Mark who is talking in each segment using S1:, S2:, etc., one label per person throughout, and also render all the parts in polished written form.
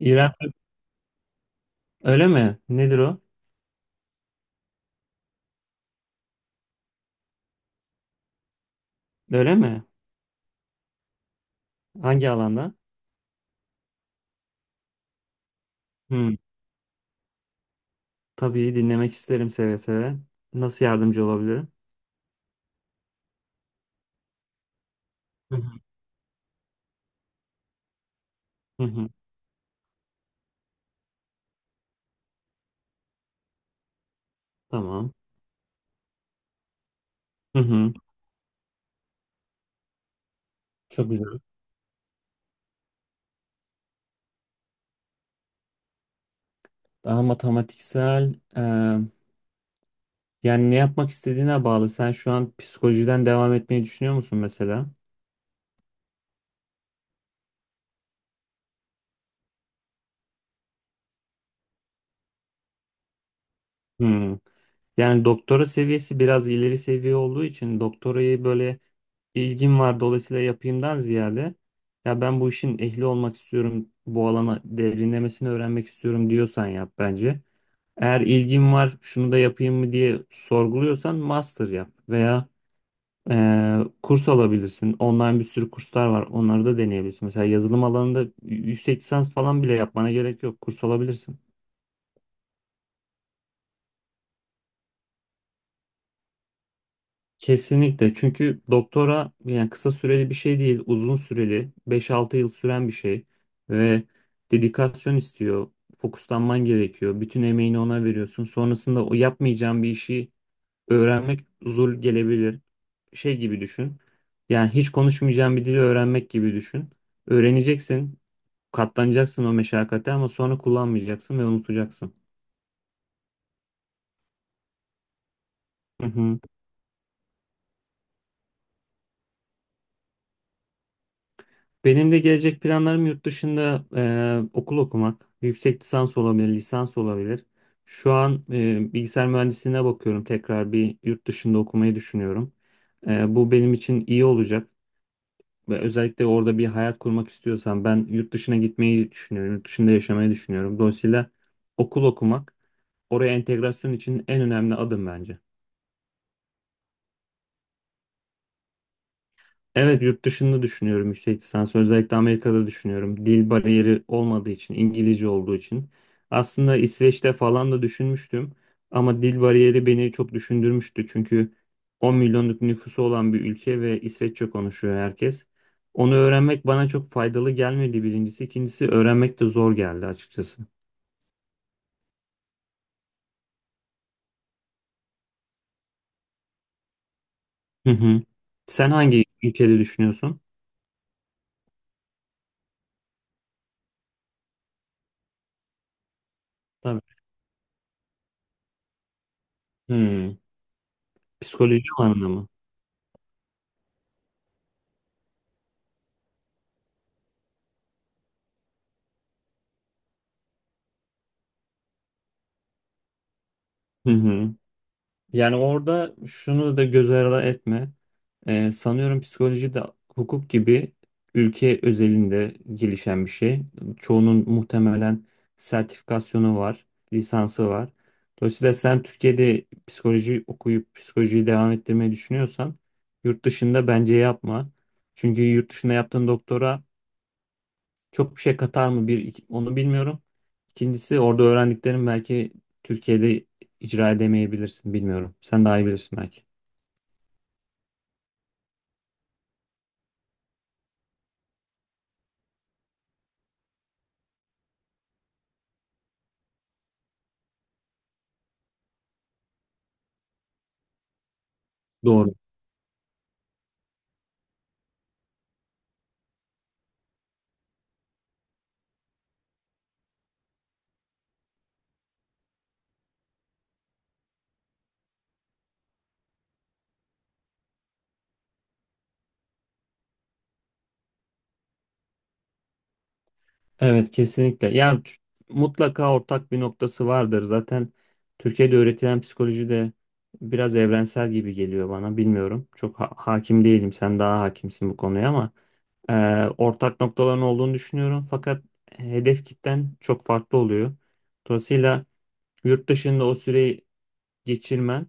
S1: İrem öyle mi? Nedir o? Öyle mi? Hangi alanda? Hmm. Tabii dinlemek isterim seve seve. Nasıl yardımcı olabilirim? Hı hı. Hı hı, Tamam. Hı hı. Çok güzel. Daha matematiksel yani ne yapmak istediğine bağlı. Sen şu an psikolojiden devam etmeyi düşünüyor musun mesela? Hı. Yani doktora seviyesi biraz ileri seviye olduğu için doktorayı böyle ilgim var dolayısıyla yapayımdan ziyade ya ben bu işin ehli olmak istiyorum, bu alana derinlemesine öğrenmek istiyorum diyorsan yap bence. Eğer ilgin var şunu da yapayım mı diye sorguluyorsan master yap veya kurs alabilirsin. Online bir sürü kurslar var onları da deneyebilirsin. Mesela yazılım alanında yüksek lisans falan bile yapmana gerek yok kurs alabilirsin. Kesinlikle çünkü doktora yani kısa süreli bir şey değil uzun süreli 5-6 yıl süren bir şey ve dedikasyon istiyor fokuslanman gerekiyor bütün emeğini ona veriyorsun sonrasında o yapmayacağın bir işi öğrenmek zul gelebilir şey gibi düşün yani hiç konuşmayacağın bir dili öğrenmek gibi düşün öğreneceksin katlanacaksın o meşakkate ama sonra kullanmayacaksın ve unutacaksın. Benim de gelecek planlarım yurt dışında okul okumak, yüksek lisans olabilir, lisans olabilir. Şu an bilgisayar mühendisliğine bakıyorum. Tekrar bir yurt dışında okumayı düşünüyorum. Bu benim için iyi olacak. Ve özellikle orada bir hayat kurmak istiyorsam ben yurt dışına gitmeyi düşünüyorum. Yurt dışında yaşamayı düşünüyorum. Dolayısıyla okul okumak oraya entegrasyon için en önemli adım bence. Evet yurt dışında düşünüyorum yüksek lisans. Özellikle Amerika'da düşünüyorum. Dil bariyeri olmadığı için, İngilizce olduğu için. Aslında İsveç'te falan da düşünmüştüm. Ama dil bariyeri beni çok düşündürmüştü. Çünkü 10 milyonluk nüfusu olan bir ülke ve İsveççe konuşuyor herkes. Onu öğrenmek bana çok faydalı gelmedi birincisi. İkincisi öğrenmek de zor geldi açıkçası. Hı hı. Sen hangi ülkede düşünüyorsun? Tabii. Hmm. Psikoloji alanında mı? Hı hı. Yani orada şunu da göz ardı etme. Sanıyorum psikoloji de hukuk gibi ülke özelinde gelişen bir şey. Çoğunun muhtemelen sertifikasyonu var, lisansı var. Dolayısıyla sen Türkiye'de psikoloji okuyup psikolojiyi devam ettirmeyi düşünüyorsan yurt dışında bence yapma. Çünkü yurt dışında yaptığın doktora çok bir şey katar mı onu bilmiyorum. İkincisi orada öğrendiklerim belki Türkiye'de icra edemeyebilirsin bilmiyorum. Sen daha iyi bilirsin belki. Doğru. Evet kesinlikle. Ya mutlaka ortak bir noktası vardır. Zaten Türkiye'de öğretilen psikoloji de biraz evrensel gibi geliyor bana. Bilmiyorum. Çok hakim değilim. Sen daha hakimsin bu konuya ama e, ortak noktaların olduğunu düşünüyorum. Fakat hedef kitlen çok farklı oluyor. Dolayısıyla yurt dışında o süreyi geçirmen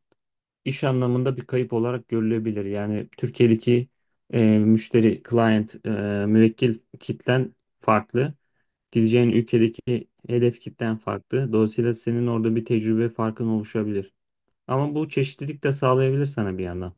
S1: iş anlamında bir kayıp olarak görülebilir. Yani Türkiye'deki müşteri, client, müvekkil kitlen farklı. Gideceğin ülkedeki hedef kitlen farklı. Dolayısıyla senin orada bir tecrübe farkın oluşabilir. Ama bu çeşitlilik de sağlayabilir sana bir yandan.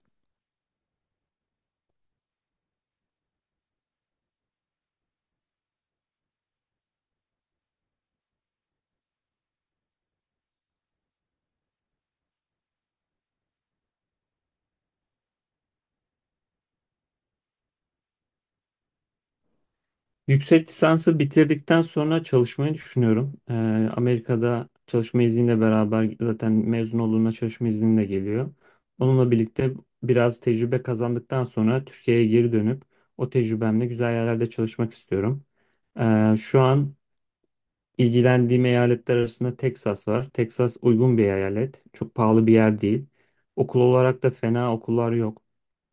S1: Yüksek lisansı bitirdikten sonra çalışmayı düşünüyorum. Amerika'da çalışma izniyle beraber zaten mezun olduğunda çalışma izni de geliyor. Onunla birlikte biraz tecrübe kazandıktan sonra Türkiye'ye geri dönüp o tecrübemle güzel yerlerde çalışmak istiyorum. Şu an İlgilendiğim eyaletler arasında Texas var. Texas uygun bir eyalet. Çok pahalı bir yer değil. Okul olarak da fena okullar yok.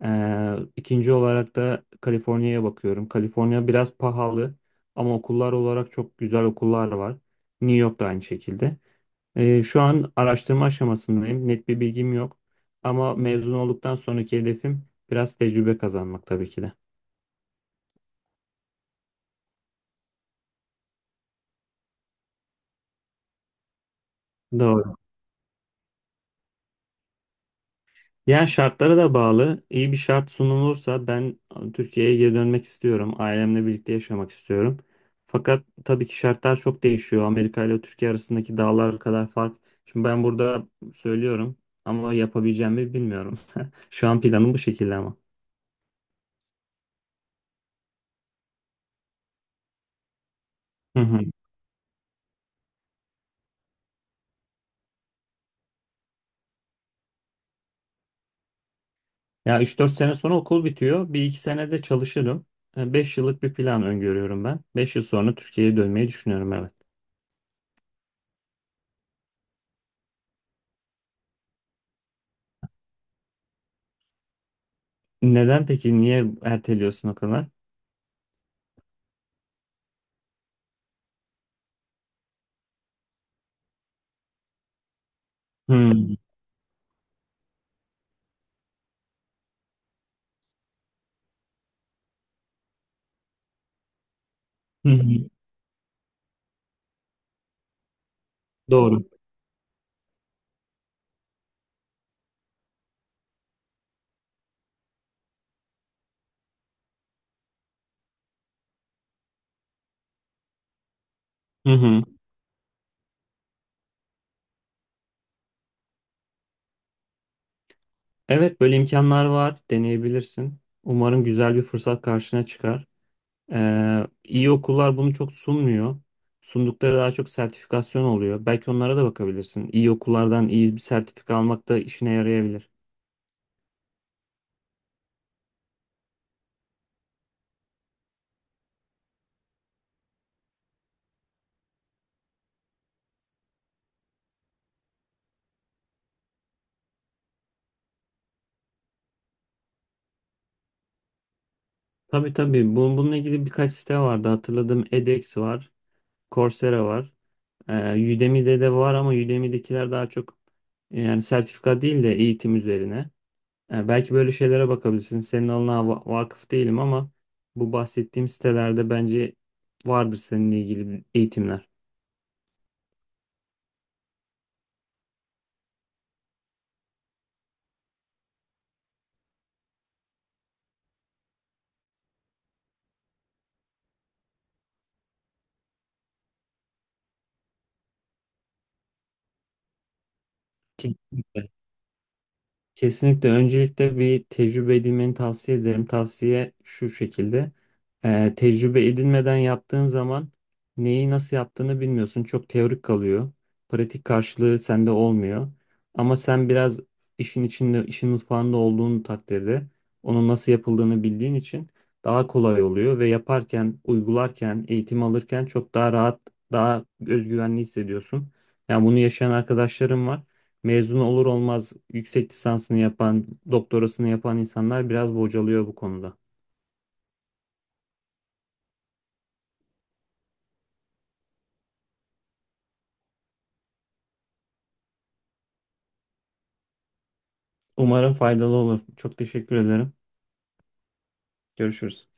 S1: İkinci olarak da Kaliforniya'ya bakıyorum. Kaliforniya biraz pahalı ama okullar olarak çok güzel okullar var. New York da aynı şekilde. Şu an araştırma aşamasındayım. Net bir bilgim yok. Ama mezun olduktan sonraki hedefim biraz tecrübe kazanmak tabii ki de. Doğru. Yani şartlara da bağlı. İyi bir şart sunulursa ben Türkiye'ye geri dönmek istiyorum. Ailemle birlikte yaşamak istiyorum. Fakat tabii ki şartlar çok değişiyor. Amerika ile Türkiye arasındaki dağlar kadar fark. Şimdi ben burada söylüyorum ama yapabileceğimi bilmiyorum. Şu an planım bu şekilde ama. Hı hı. Ya üç dört sene sonra okul bitiyor. Bir iki sene de çalışırım. 5 yıllık bir plan öngörüyorum ben. 5 yıl sonra Türkiye'ye dönmeyi düşünüyorum evet. Neden peki? Niye erteliyorsun o kadar? Hmm. Hı hı. Doğru. Hı hı. Evet böyle imkanlar var deneyebilirsin. Umarım güzel bir fırsat karşına çıkar. İyi okullar bunu çok sunmuyor. Sundukları daha çok sertifikasyon oluyor. Belki onlara da bakabilirsin. İyi okullardan iyi bir sertifika almak da işine yarayabilir. Tabii tabii Bununla ilgili birkaç site vardı. Hatırladığım edX var, Coursera var. Udemy'de de var ama Udemy'dekiler daha çok yani sertifika değil de eğitim üzerine. Yani belki böyle şeylere bakabilirsin. Senin alanına vakıf değilim ama bu bahsettiğim sitelerde bence vardır seninle ilgili eğitimler. Kesinlikle. Kesinlikle öncelikle bir tecrübe edinmeni tavsiye ederim. Tavsiye şu şekilde. Tecrübe edinmeden yaptığın zaman neyi nasıl yaptığını bilmiyorsun. Çok teorik kalıyor. Pratik karşılığı sende olmuyor. Ama sen biraz işin içinde, işin mutfağında olduğun takdirde onun nasıl yapıldığını bildiğin için daha kolay oluyor ve yaparken, uygularken, eğitim alırken çok daha rahat, daha özgüvenli hissediyorsun. Yani bunu yaşayan arkadaşlarım var mezun olur olmaz yüksek lisansını yapan, doktorasını yapan insanlar biraz bocalıyor bu konuda. Umarım faydalı olur. Çok teşekkür ederim. Görüşürüz.